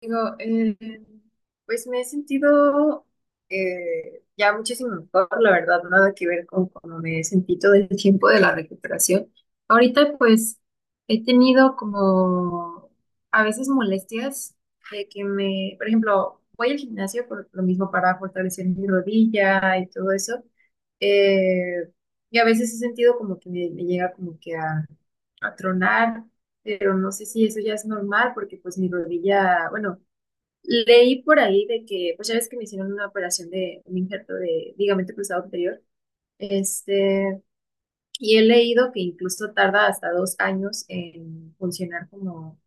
Digo, pues me he sentido ya muchísimo mejor, la verdad, nada que ver con cómo me he sentido desde el tiempo de la recuperación. Ahorita pues he tenido como a veces molestias de que me, por ejemplo, voy al gimnasio por lo mismo para fortalecer mi rodilla y todo eso. eh, y a veces he sentido como que me llega como que a tronar, pero no sé si eso ya es normal porque pues mi rodilla, bueno, leí por ahí de que, pues ya ves que me hicieron una operación de un injerto de ligamento cruzado anterior, este, y he leído que incluso tarda hasta 2 años en funcionar como,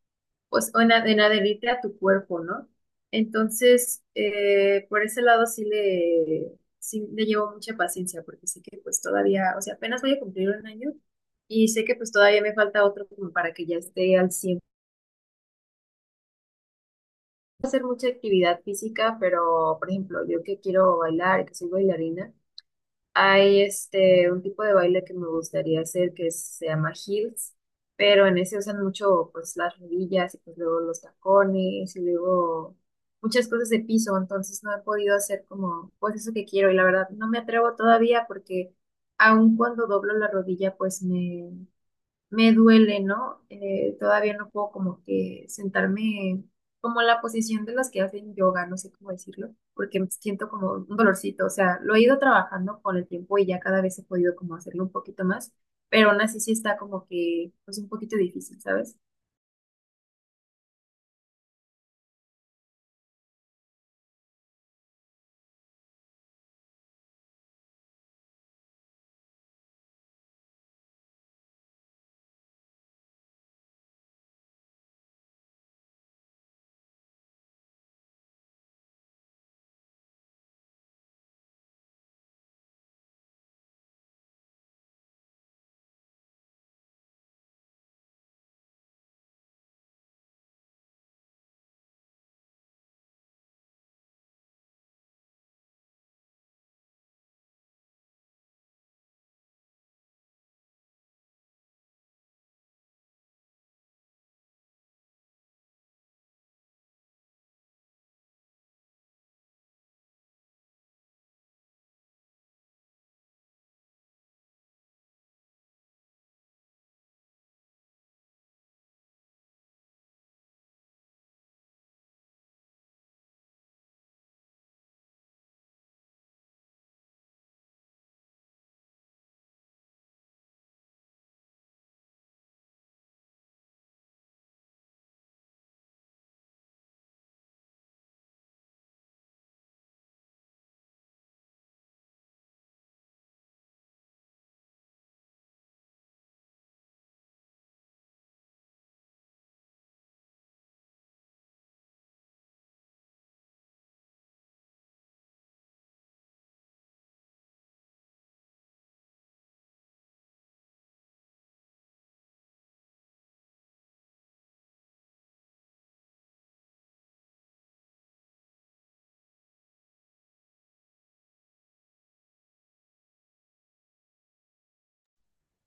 pues, o en, en adherirte a tu cuerpo, ¿no? Entonces, por ese lado sí le llevo mucha paciencia porque sé que pues todavía, o sea, apenas voy a cumplir 1 año. Y sé que pues todavía me falta otro como para que ya esté al cien, hacer mucha actividad física, pero por ejemplo, yo que quiero bailar, que soy bailarina, hay este un tipo de baile que me gustaría hacer que se llama heels, pero en ese usan mucho pues las rodillas y pues luego los tacones y luego muchas cosas de piso, entonces no he podido hacer como pues eso que quiero, y la verdad no me atrevo todavía porque aun cuando doblo la rodilla pues me duele, ¿no? Todavía no puedo como que sentarme como en la posición de las que hacen yoga, no sé cómo decirlo, porque siento como un dolorcito, o sea, lo he ido trabajando con el tiempo y ya cada vez he podido como hacerlo un poquito más, pero aún así sí está como que pues un poquito difícil, ¿sabes?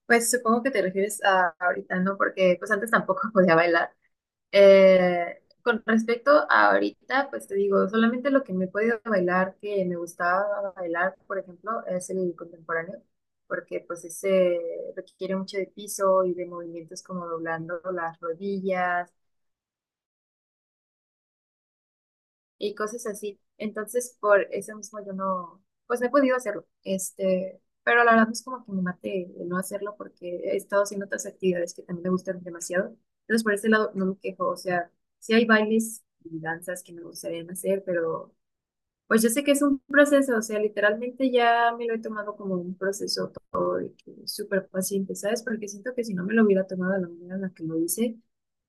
Pues supongo que te refieres a ahorita, ¿no? Porque pues antes tampoco podía bailar. Con respecto a ahorita, pues te digo, solamente lo que me he podido bailar, que me gustaba bailar, por ejemplo, es el contemporáneo, porque pues ese requiere mucho de piso y de movimientos como doblando las rodillas, y cosas así. Entonces, por eso mismo yo no, pues no he podido hacerlo. Pero la verdad no es como que me mate el no hacerlo porque he estado haciendo otras actividades que también me gustan demasiado. Entonces, por ese lado no me quejo. O sea, sí hay bailes y danzas que me gustaría hacer, pero pues yo sé que es un proceso. O sea, literalmente ya me lo he tomado como un proceso porque súper paciente, ¿sabes? Porque siento que si no me lo hubiera tomado de la manera en la que lo hice,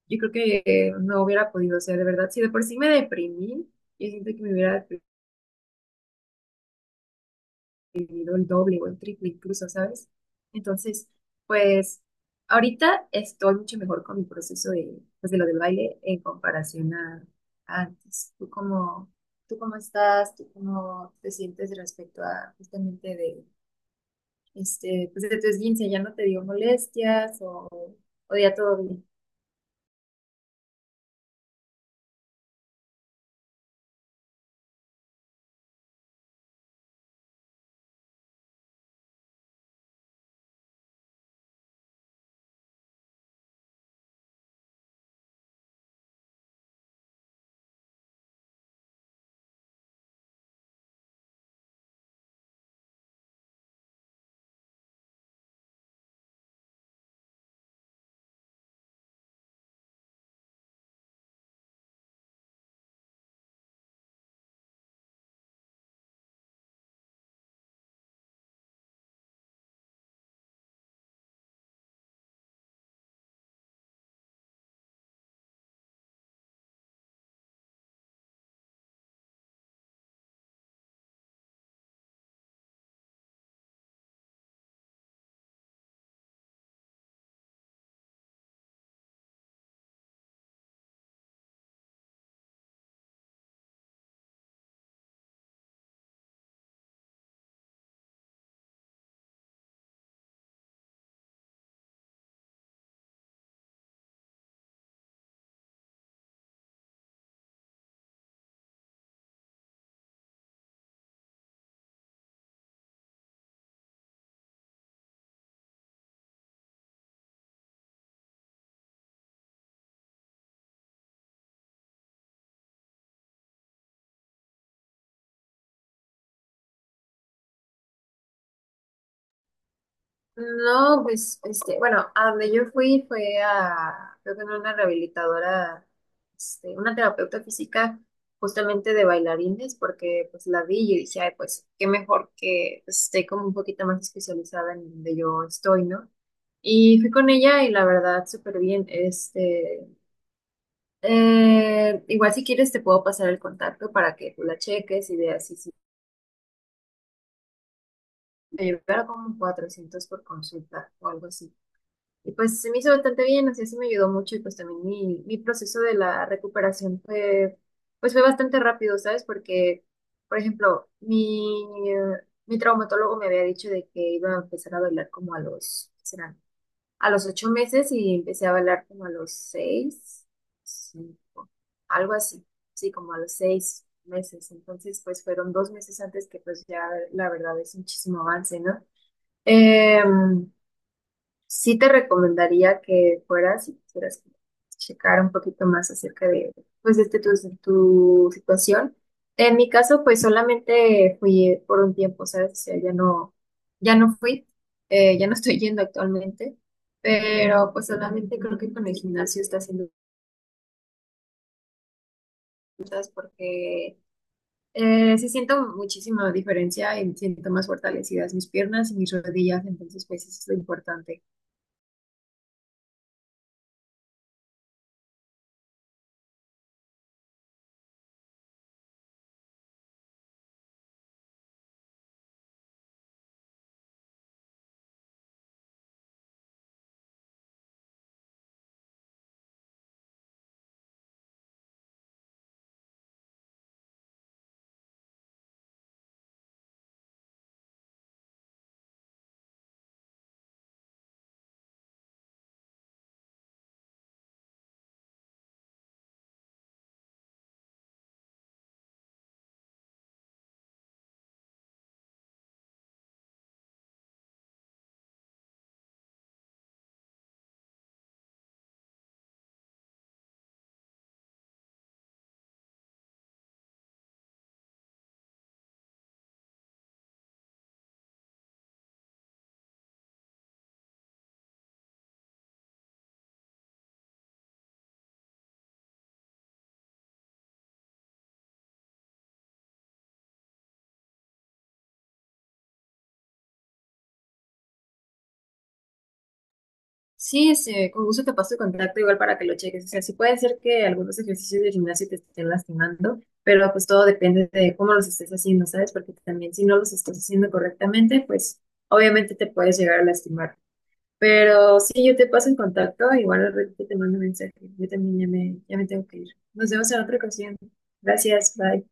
yo creo que no hubiera podido, o sea, de verdad, si de por sí me deprimí, yo siento que me hubiera deprimido el doble o el triple incluso, ¿sabes? Entonces, pues ahorita estoy mucho mejor con mi proceso de, pues, de lo del baile en comparación a antes. Tú cómo estás? ¿Tú cómo te sientes respecto a justamente de, pues de tu esguince? ¿Ya no te dio molestias o ya todo bien? No, pues, bueno, a donde yo fui fue a, creo que era una rehabilitadora, una terapeuta física justamente de bailarines, porque pues la vi y yo dije, ay, pues qué mejor que pues, esté como un poquito más especializada en donde yo estoy, ¿no? Y fui con ella y la verdad, súper bien, igual si quieres te puedo pasar el contacto para que tú la cheques y veas si, si te llevara como 400 por consulta o algo así. Y pues se me hizo bastante bien, así sí me ayudó mucho y pues también mi proceso de la recuperación fue, pues fue bastante rápido, ¿sabes? Porque, por ejemplo, mi traumatólogo me había dicho de que iba a empezar a bailar como a los, ¿qué serán? A los 8 meses, y empecé a bailar como a los seis, cinco, algo así, sí, como a los 6 meses. Entonces, pues fueron 2 meses antes, que pues ya la verdad es muchísimo avance, ¿no? Em, sí te recomendaría que fueras y quisieras checar un poquito más acerca de, pues, de tu, tu situación. En mi caso, pues solamente fui por un tiempo, ¿sabes? O sea, ya no, ya no fui, ya no estoy yendo actualmente, pero pues solamente creo que con el gimnasio está haciendo cosas porque sí siento muchísima diferencia y siento más fortalecidas mis piernas y mis rodillas, entonces pues eso es lo importante. Sí, con gusto te paso el contacto igual para que lo cheques. O sea, sí puede ser que algunos ejercicios de gimnasio te estén lastimando, pero pues todo depende de cómo los estés haciendo, ¿sabes? Porque también si no los estás haciendo correctamente, pues obviamente te puedes llegar a lastimar. Pero sí, yo te paso el contacto, igual al ratito te mando un mensaje. Yo también ya me tengo que ir. Nos vemos en otra ocasión. Gracias, bye.